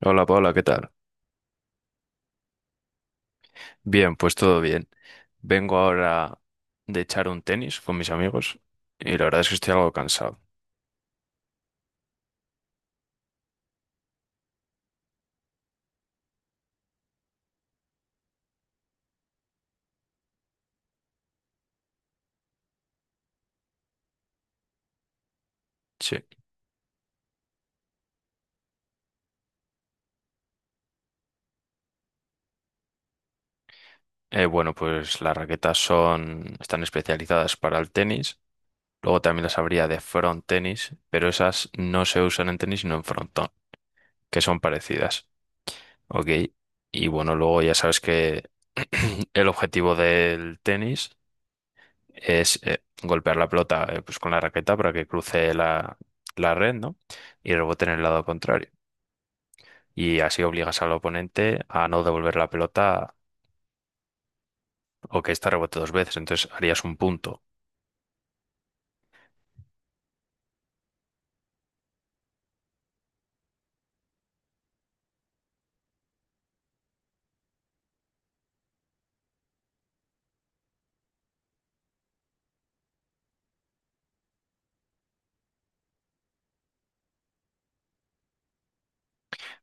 Hola Paula, ¿qué tal? Bien, pues todo bien. Vengo ahora de echar un tenis con mis amigos y la verdad es que estoy algo cansado. Sí. Bueno, pues las raquetas están especializadas para el tenis. Luego también las habría de front tenis, pero esas no se usan en tenis sino en frontón, que son parecidas. Ok. Y bueno, luego ya sabes que el objetivo del tenis es golpear la pelota pues con la raqueta para que cruce la red, ¿no? Y rebote en el lado contrario. Y así obligas al oponente a no devolver la pelota o que ésta rebote dos veces. Entonces harías un punto.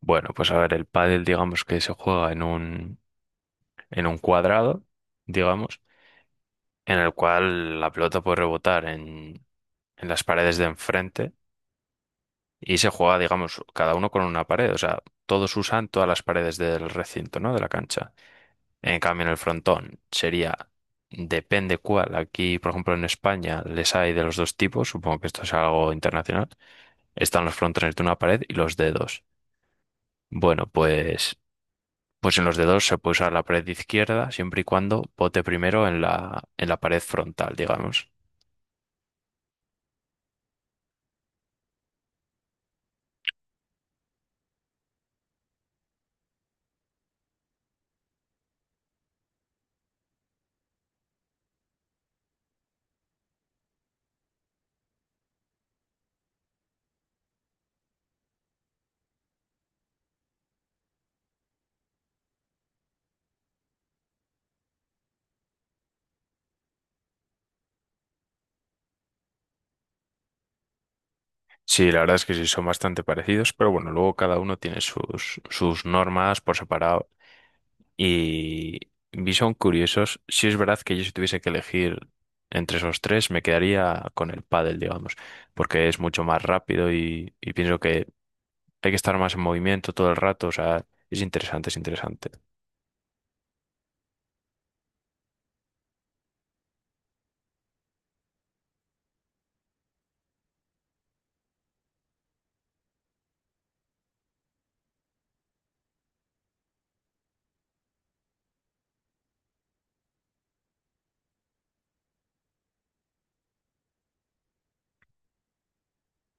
Bueno, pues a ver, el pádel digamos que se juega en en un cuadrado, digamos, en el cual la pelota puede rebotar en las paredes de enfrente y se juega, digamos, cada uno con una pared. O sea, todos usan todas las paredes del recinto, ¿no? De la cancha. En cambio, en el frontón sería, depende cuál. Aquí, por ejemplo, en España les hay de los dos tipos, supongo que esto es algo internacional. Están los frontones de una pared y los dedos. Bueno, pues en los dedos se puede usar la pared izquierda siempre y cuando bote primero en en la pared frontal, digamos. Sí, la verdad es que sí, son bastante parecidos, pero bueno, luego cada uno tiene sus normas por separado. Y Bison Curiosos, si es verdad que yo si tuviese que elegir entre esos tres, me quedaría con el pádel, digamos, porque es mucho más rápido y pienso que hay que estar más en movimiento todo el rato, o sea, es interesante, es interesante.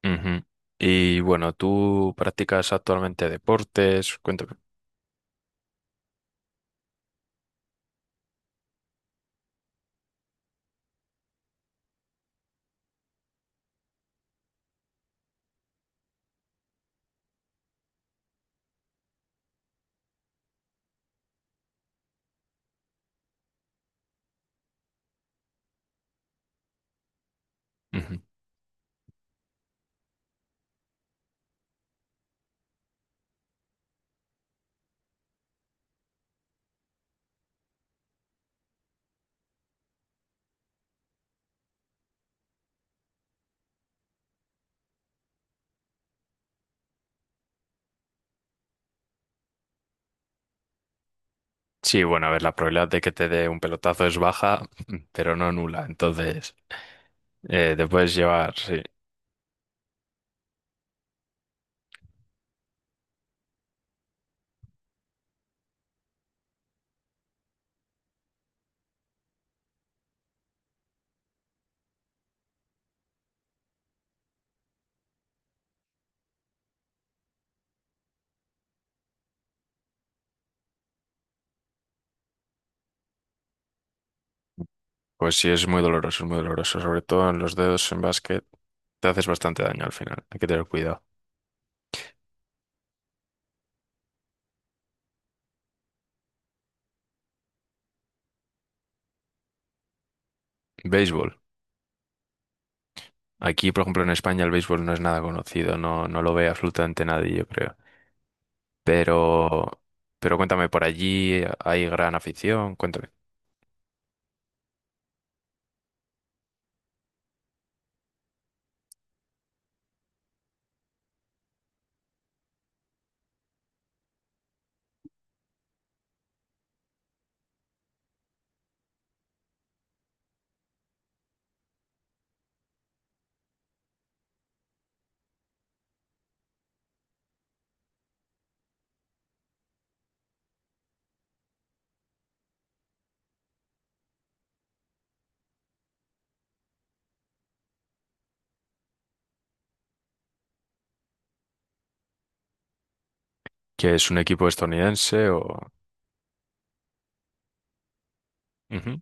Ujú. Y bueno, ¿tú practicas actualmente deportes? Cuéntame. Ujú. Sí, bueno, a ver, la probabilidad de que te dé un pelotazo es baja, pero no nula, entonces te puedes llevar, sí. Pues sí, es muy doloroso, es muy doloroso. Sobre todo en los dedos en básquet, te haces bastante daño al final. Hay que tener cuidado. Béisbol. Aquí, por ejemplo, en España el béisbol no es nada conocido, no, no lo ve absolutamente nadie, yo creo. Pero, pero cuéntame, ¿por allí hay gran afición? Cuéntame. ¿Que es un equipo estadounidense o...? Ujú.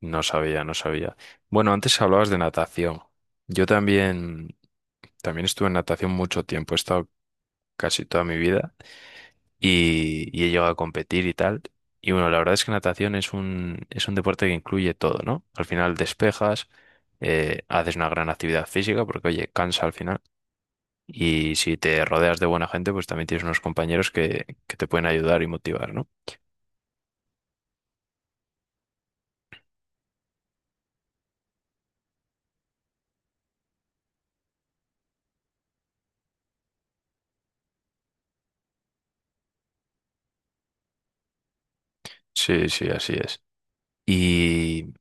No sabía, no sabía. Bueno, antes hablabas de natación. Yo también, también estuve en natación mucho tiempo, he estado casi toda mi vida. Y y he llegado a competir y tal. Y bueno, la verdad es que natación es es un deporte que incluye todo, ¿no? Al final despejas, haces una gran actividad física porque, oye, cansa al final. Y si te rodeas de buena gente, pues también tienes unos compañeros que te pueden ayudar y motivar, ¿no? Sí, sí, así es. Y,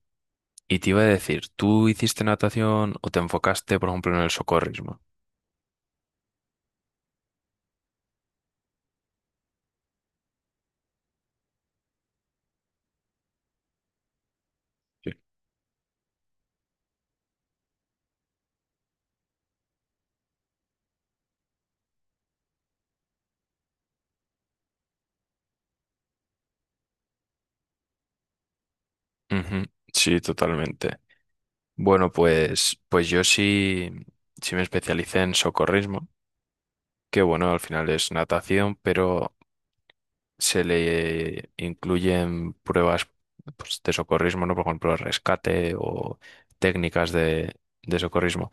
y te iba a decir, ¿tú hiciste natación o te enfocaste, por ejemplo, en el socorrismo? Sí. Ujú, sí, totalmente. Bueno, pues yo sí, sí me especialicé en socorrismo, que bueno, al final es natación, pero se le incluyen pruebas pues, de socorrismo, ¿no? Por ejemplo, rescate o técnicas de socorrismo.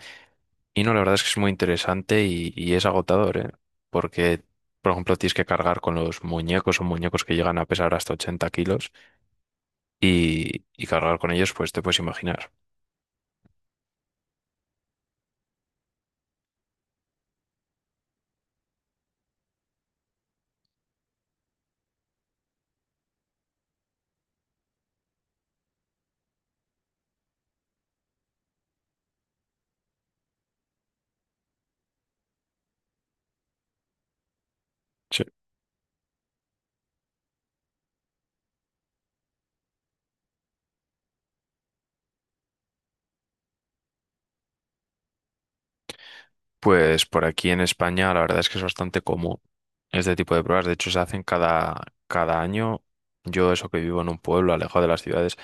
Y no, la verdad es que es muy interesante y es agotador, ¿eh? Porque, por ejemplo, tienes que cargar con los muñecos o muñecos que llegan a pesar hasta 80 kilos y cargar con ellos, pues te puedes imaginar. Sí. Pues por aquí en España la verdad es que es bastante común este tipo de pruebas. De hecho, se hacen cada año. Yo eso que vivo en un pueblo alejado de las ciudades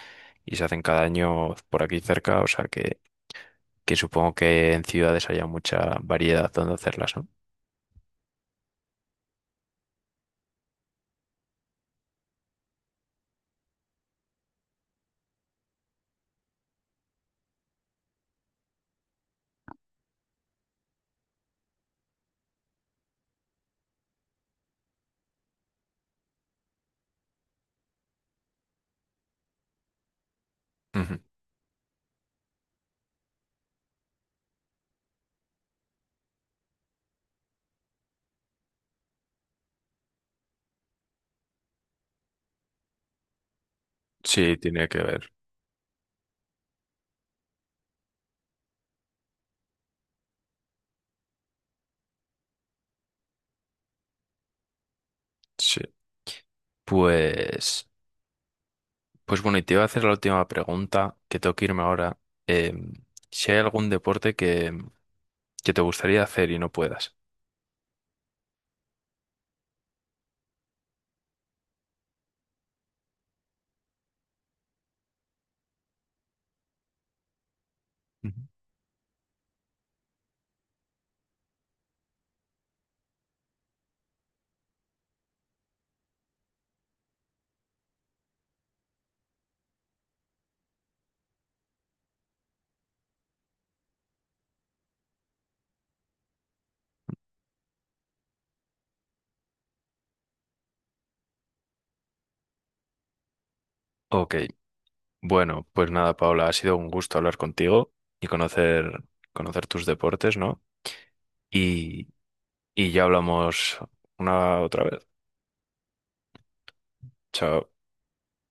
y se hacen cada año por aquí cerca, o sea que supongo que en ciudades haya mucha variedad donde hacerlas, ¿no? Ujú. Sí, tiene que ver. Sí. Pues, pues bueno, y te iba a hacer la última pregunta, que tengo que irme ahora. Em, si hay algún deporte que te gustaría hacer y no puedas. Ujú. Ok, bueno, pues nada, Paula, ha sido un gusto hablar contigo y conocer, conocer tus deportes, ¿no? Y, y ya hablamos una otra vez. Chao.